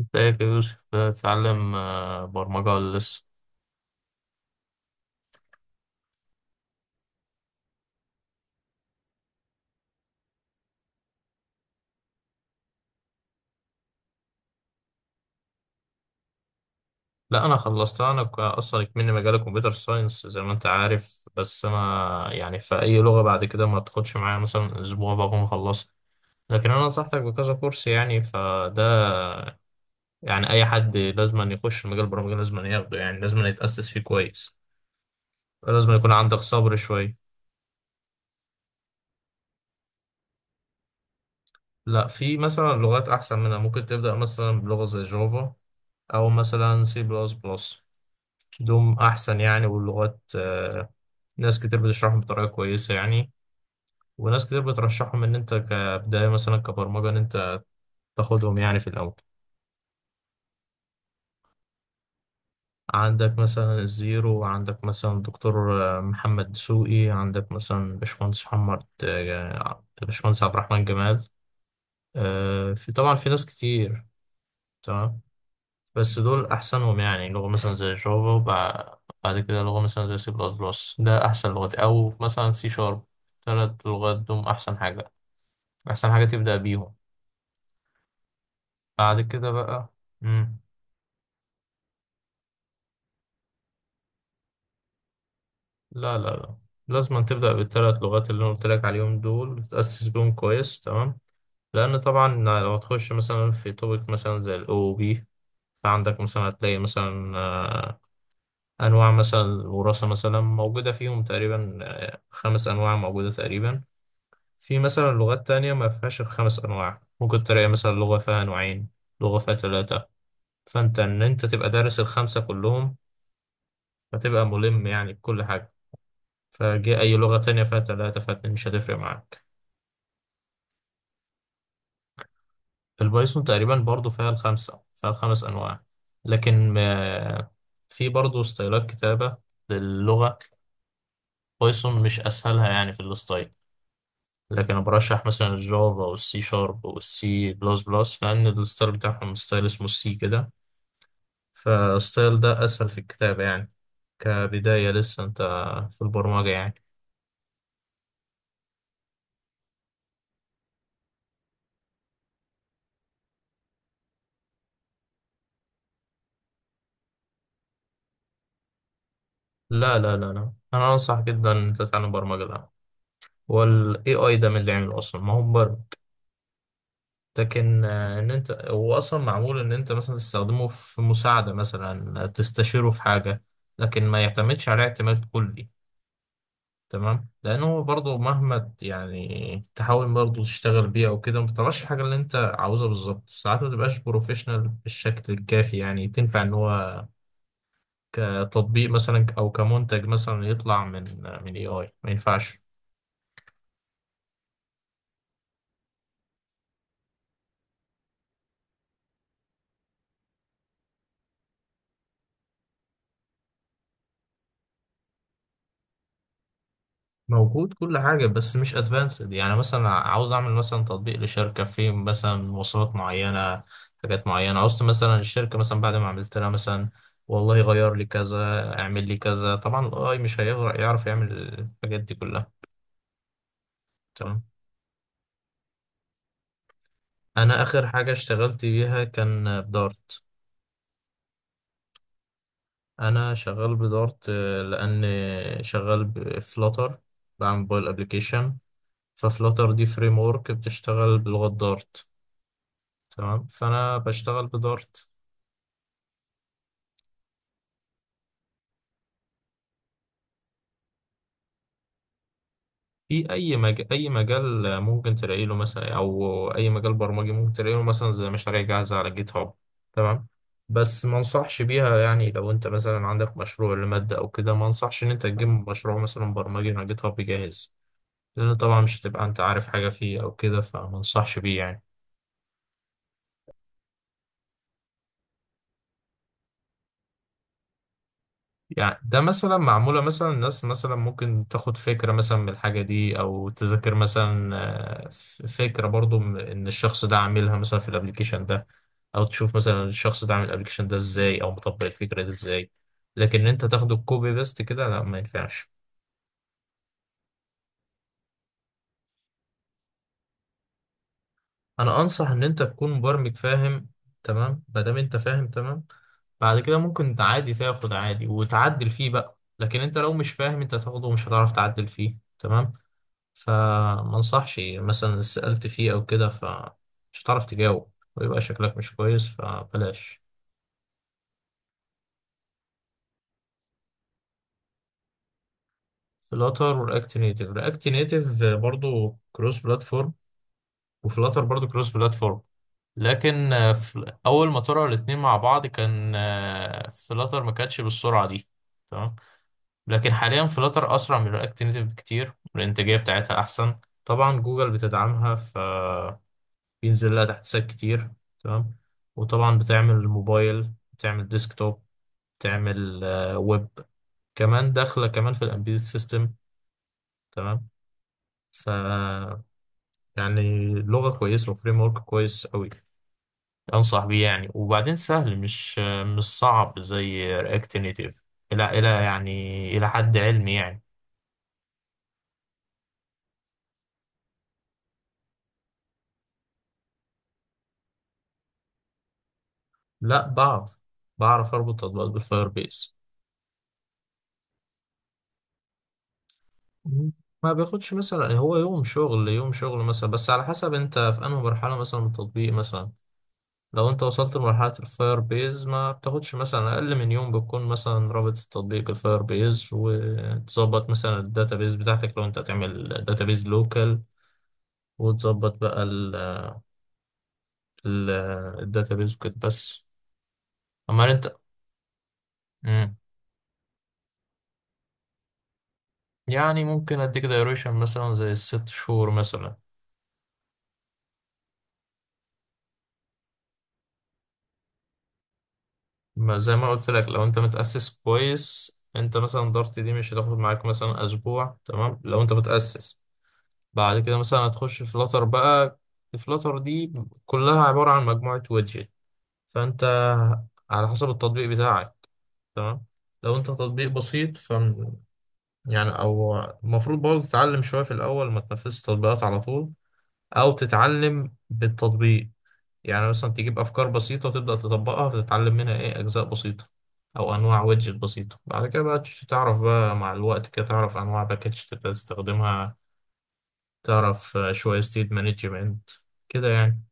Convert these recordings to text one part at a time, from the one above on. ازيك يا يوسف، بتتعلم برمجة ولا لسه؟ لا، أنا خلصتها. أصلا كمني مجال كمبيوتر ساينس زي ما أنت عارف. بس أنا يعني في أي لغة بعد كده ما تاخدش معايا مثلا أسبوع بكون مخلصها. لكن أنا نصحتك بكذا كورس يعني، فده يعني أي حد لازم أن يخش مجال البرمجة لازم أن ياخده، يعني لازم أن يتأسس فيه كويس. لازم يكون عندك صبر شوية. لا، في مثلا لغات أحسن منها. ممكن تبدأ مثلا بلغة زي جافا، أو مثلا سي بلس بلس. دوم أحسن يعني، واللغات ناس كتير بتشرحهم بطريقة كويسة يعني. وناس كتير بترشحهم إن أنت كبداية مثلا كبرمجة إن أنت تاخدهم يعني في الأول. عندك مثلا الزيرو، عندك مثلا دكتور محمد دسوقي، عندك مثلا باشمهندس محمد، باشمهندس عبد الرحمن جمال. في طبعا في ناس كتير. تمام. بس دول أحسنهم. يعني لغة مثلا زي جافا، بعد كده لغة مثلا زي سي بلس بلس، ده أحسن لغات، أو مثلا سي شارب. تلات لغات دول أحسن حاجة، أحسن حاجة تبدأ بيهم بعد كده بقى. مم. لا لا لا، لازم أن تبدأ بالثلاث لغات اللي أنا قلت لك عليهم دول وتتأسس بيهم كويس. تمام. لأن طبعا لو تخش مثلا في توبيك مثلا زي ال OOP، فعندك مثلا هتلاقي مثلا أنواع مثلا الوراثة مثلا موجودة فيهم، تقريبا خمس أنواع موجودة تقريبا. في مثلا لغات تانية ما فيهاش الخمس أنواع، ممكن تلاقي مثلا لغة فيها نوعين، لغة فيها ثلاثة. فأنت إن أنت تبقى دارس الخمسة كلهم، فتبقى ملم يعني بكل حاجة. فجه أي لغة تانية فيها تلاتة فيها اتنين مش هتفرق معاك. البايثون تقريبا برضو فيها الخمسة، فيها الخمس أنواع. لكن في برضو ستايلات كتابة للغة. بايثون مش أسهلها يعني في الستايل. لكن أنا برشح مثلا الجافا والسي شارب والسي بلس بلس، لأن الستايل بتاعهم ستايل اسمه السي كده. فالستايل ده أسهل في الكتابة يعني، كبداية لسه أنت في البرمجة يعني. لا لا لا لا، أنا أنصح جدا أنت تتعلم برمجة الأول. والاي اي ده من اللي عمله اصلا ما هو برمج. لكن ان انت هو اصلا معمول ان انت مثلا تستخدمه في مساعده، مثلا تستشيره في حاجه. لكن ما يعتمدش عليه اعتماد كلي. تمام، لانه برضه مهما يعني تحاول برضه تشتغل بيه او كده ما بتطلعش الحاجه اللي انت عاوزها بالظبط. ساعات ما تبقاش بروفيشنال بالشكل الكافي يعني تنفع ان هو كتطبيق مثلا او كمنتج مثلا يطلع من اي اي، ما ينفعش. موجود كل حاجة بس مش ادفانسد، يعني مثلا عاوز اعمل مثلا تطبيق لشركة في مثلا مواصفات معينة، حاجات معينة عاوزت مثلا الشركة. مثلا بعد ما عملت لها مثلا والله غير لي كذا، اعمل لي كذا، طبعا الاي مش هيعرف يعمل الحاجات دي كلها. تمام، انا اخر حاجة اشتغلت بيها كان بدارت. انا شغال بدارت، لان شغال بفلاتر، بعمل موبايل ابلكيشن. ففلاتر دي فريم ورك بتشتغل بلغة دارت. تمام، فانا بشتغل بدارت. في اي مجال ممكن تلاقي له مثلا، او اي مجال برمجي ممكن تلاقي له مثلا زي مشاريع جاهزه على جيت هاب. تمام، بس ما انصحش بيها. يعني لو انت مثلا عندك مشروع لماده او كده، ما انصحش ان انت تجيب مشروع مثلا برمجي على جيت هاب جاهز. لان طبعا مش هتبقى انت عارف حاجه فيه او كده، فما انصحش بيه يعني. يعني ده مثلا معمولة مثلا الناس مثلا ممكن تاخد فكرة مثلا من الحاجة دي أو تذاكر مثلا فكرة، برضو إن الشخص ده عاملها مثلا في الأبليكيشن ده، أو تشوف مثلا الشخص ده عامل الأبليكيشن ده إزاي أو مطبق الفكرة دي إزاي. لكن إن أنت تاخده كوبي بيست كده، لا ما ينفعش. أنا أنصح إن أنت تكون مبرمج فاهم. تمام، ما دام أنت فاهم تمام، بعد كده ممكن عادي تاخد عادي وتعدل فيه بقى. لكن أنت لو مش فاهم، أنت هتاخده ومش هتعرف تعدل فيه. تمام، فما انصحش. يعني مثلا سألت فيه أو كده فمش هتعرف تجاوب ويبقى شكلك مش كويس، فبلاش. فلاتر ورياكت نيتف، رياكت نيتف برضو كروس بلاتفورم، وفلاتر برضو كروس بلاتفورم. لكن في أول ما طلعوا الاتنين مع بعض كان فلاتر ما كانتش بالسرعة دي. تمام، لكن حاليا فلاتر أسرع من رياكت نيتف بكتير، والإنتاجية بتاعتها أحسن. طبعا جوجل بتدعمها، ف بينزل لها تحت سات كتير. تمام، وطبعا بتعمل موبايل، بتعمل ديسكتوب، بتعمل ويب. كمان داخلة كمان في الامبيد سيستم. تمام، ف يعني لغة كويسة وفريم ورك كويس قوي. انصح بيه يعني، وبعدين سهل، مش صعب زي رياكت نيتيف. الى يعني الى حد علمي يعني. لا، بعرف اربط تطبيقات بالفاير بيس. ما بياخدش مثلا، يعني هو يوم شغل، يوم شغل مثلا. بس على حسب انت في انهي مرحلة مثلا من التطبيق مثلا. لو انت وصلت لمرحلة الفاير بيز ما بتاخدش مثلا اقل من يوم. بتكون مثلا رابط التطبيق بالفاير بيز وتظبط مثلا الداتابيز بتاعتك لو انت هتعمل داتابيز لوكال. وتظبط بقى ال ال الداتابيز وكده بس، اما انت. مم. يعني ممكن اديك دايريشن مثلا زي الست شهور مثلا. ما زي ما قلت لك، لو انت متأسس كويس، انت مثلا دارت دي مش هتاخد معاك مثلا اسبوع. تمام لو انت متأسس، بعد كده مثلا هتخش فلاتر بقى. الفلاتر دي كلها عبارة عن مجموعة ويدجت. فانت على حسب التطبيق بتاعك. تمام، لو انت تطبيق بسيط ف يعني او المفروض برضه تتعلم شوية في الاول، ما تنفذش تطبيقات على طول، او تتعلم بالتطبيق. يعني مثلا تجيب أفكار بسيطة وتبدأ تطبقها، فتتعلم منها إيه أجزاء بسيطة، أو أنواع ويدجت بسيطة. بعد كده بقى تعرف بقى مع الوقت كده، تعرف أنواع باكج تبدأ تستخدمها، تعرف شوية ستيت مانجمنت كده يعني.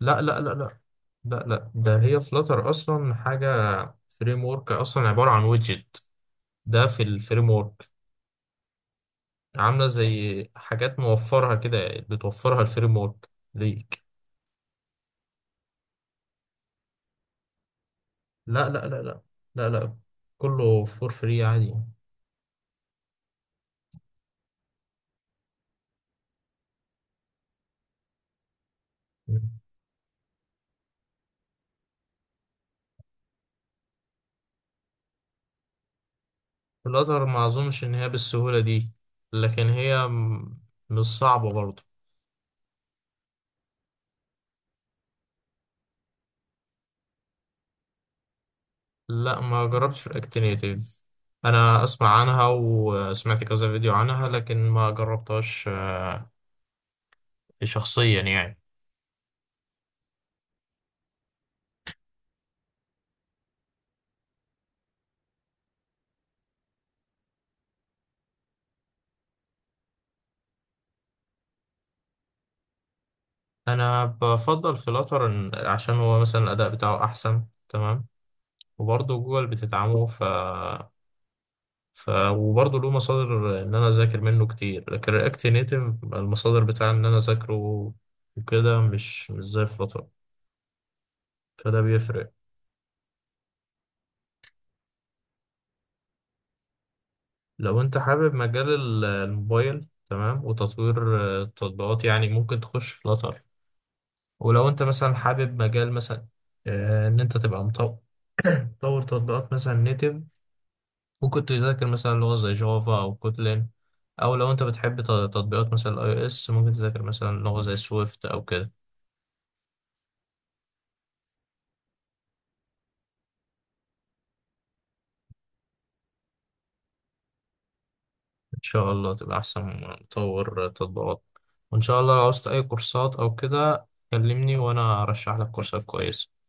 لا لا لا لا لا لا، ده هي فلاتر أصلا حاجة. فريم ورك أصلا عبارة عن ويدجت، ده في الفريم ورك. عاملة زي حاجات موفرها كده، بتوفرها الفريم ورك ليك. لا لا لا لا لا لا، كله فور فري عادي. في الأزهر ما أظنش إن هي بالسهولة دي. لكن هي مش صعبة برضه. لا، ما جربتش في الأكتينيتيف. أنا أسمع عنها وسمعت كذا فيديو عنها، لكن ما جربتهاش شخصيا يعني. أنا بفضل في الأطر، عشان هو مثلا الأداء بتاعه أحسن. تمام، وبرضه جوجل بتدعمه، وبرضه له مصادر إن أنا أذاكر منه كتير. لكن الأكتينيتيف المصادر بتاع إن أنا أذاكره وكده، مش زي فلاتر، فده بيفرق. لو انت حابب مجال الموبايل، تمام، وتطوير التطبيقات يعني، ممكن تخش في فلاتر. ولو انت مثلا حابب مجال مثلا ان انت تبقى مطور تطبيقات مثلا نيتف، ممكن تذاكر مثلا لغة زي جافا او كوتلين. او لو انت بتحب تطبيقات مثلا اي او اس، ممكن تذاكر مثلا لغة زي سويفت او كده. ان شاء الله تبقى احسن مطور تطبيقات. وان شاء الله لو عاوزت اي كورسات او كده كلمني وانا ارشح لك كورسات كويسة.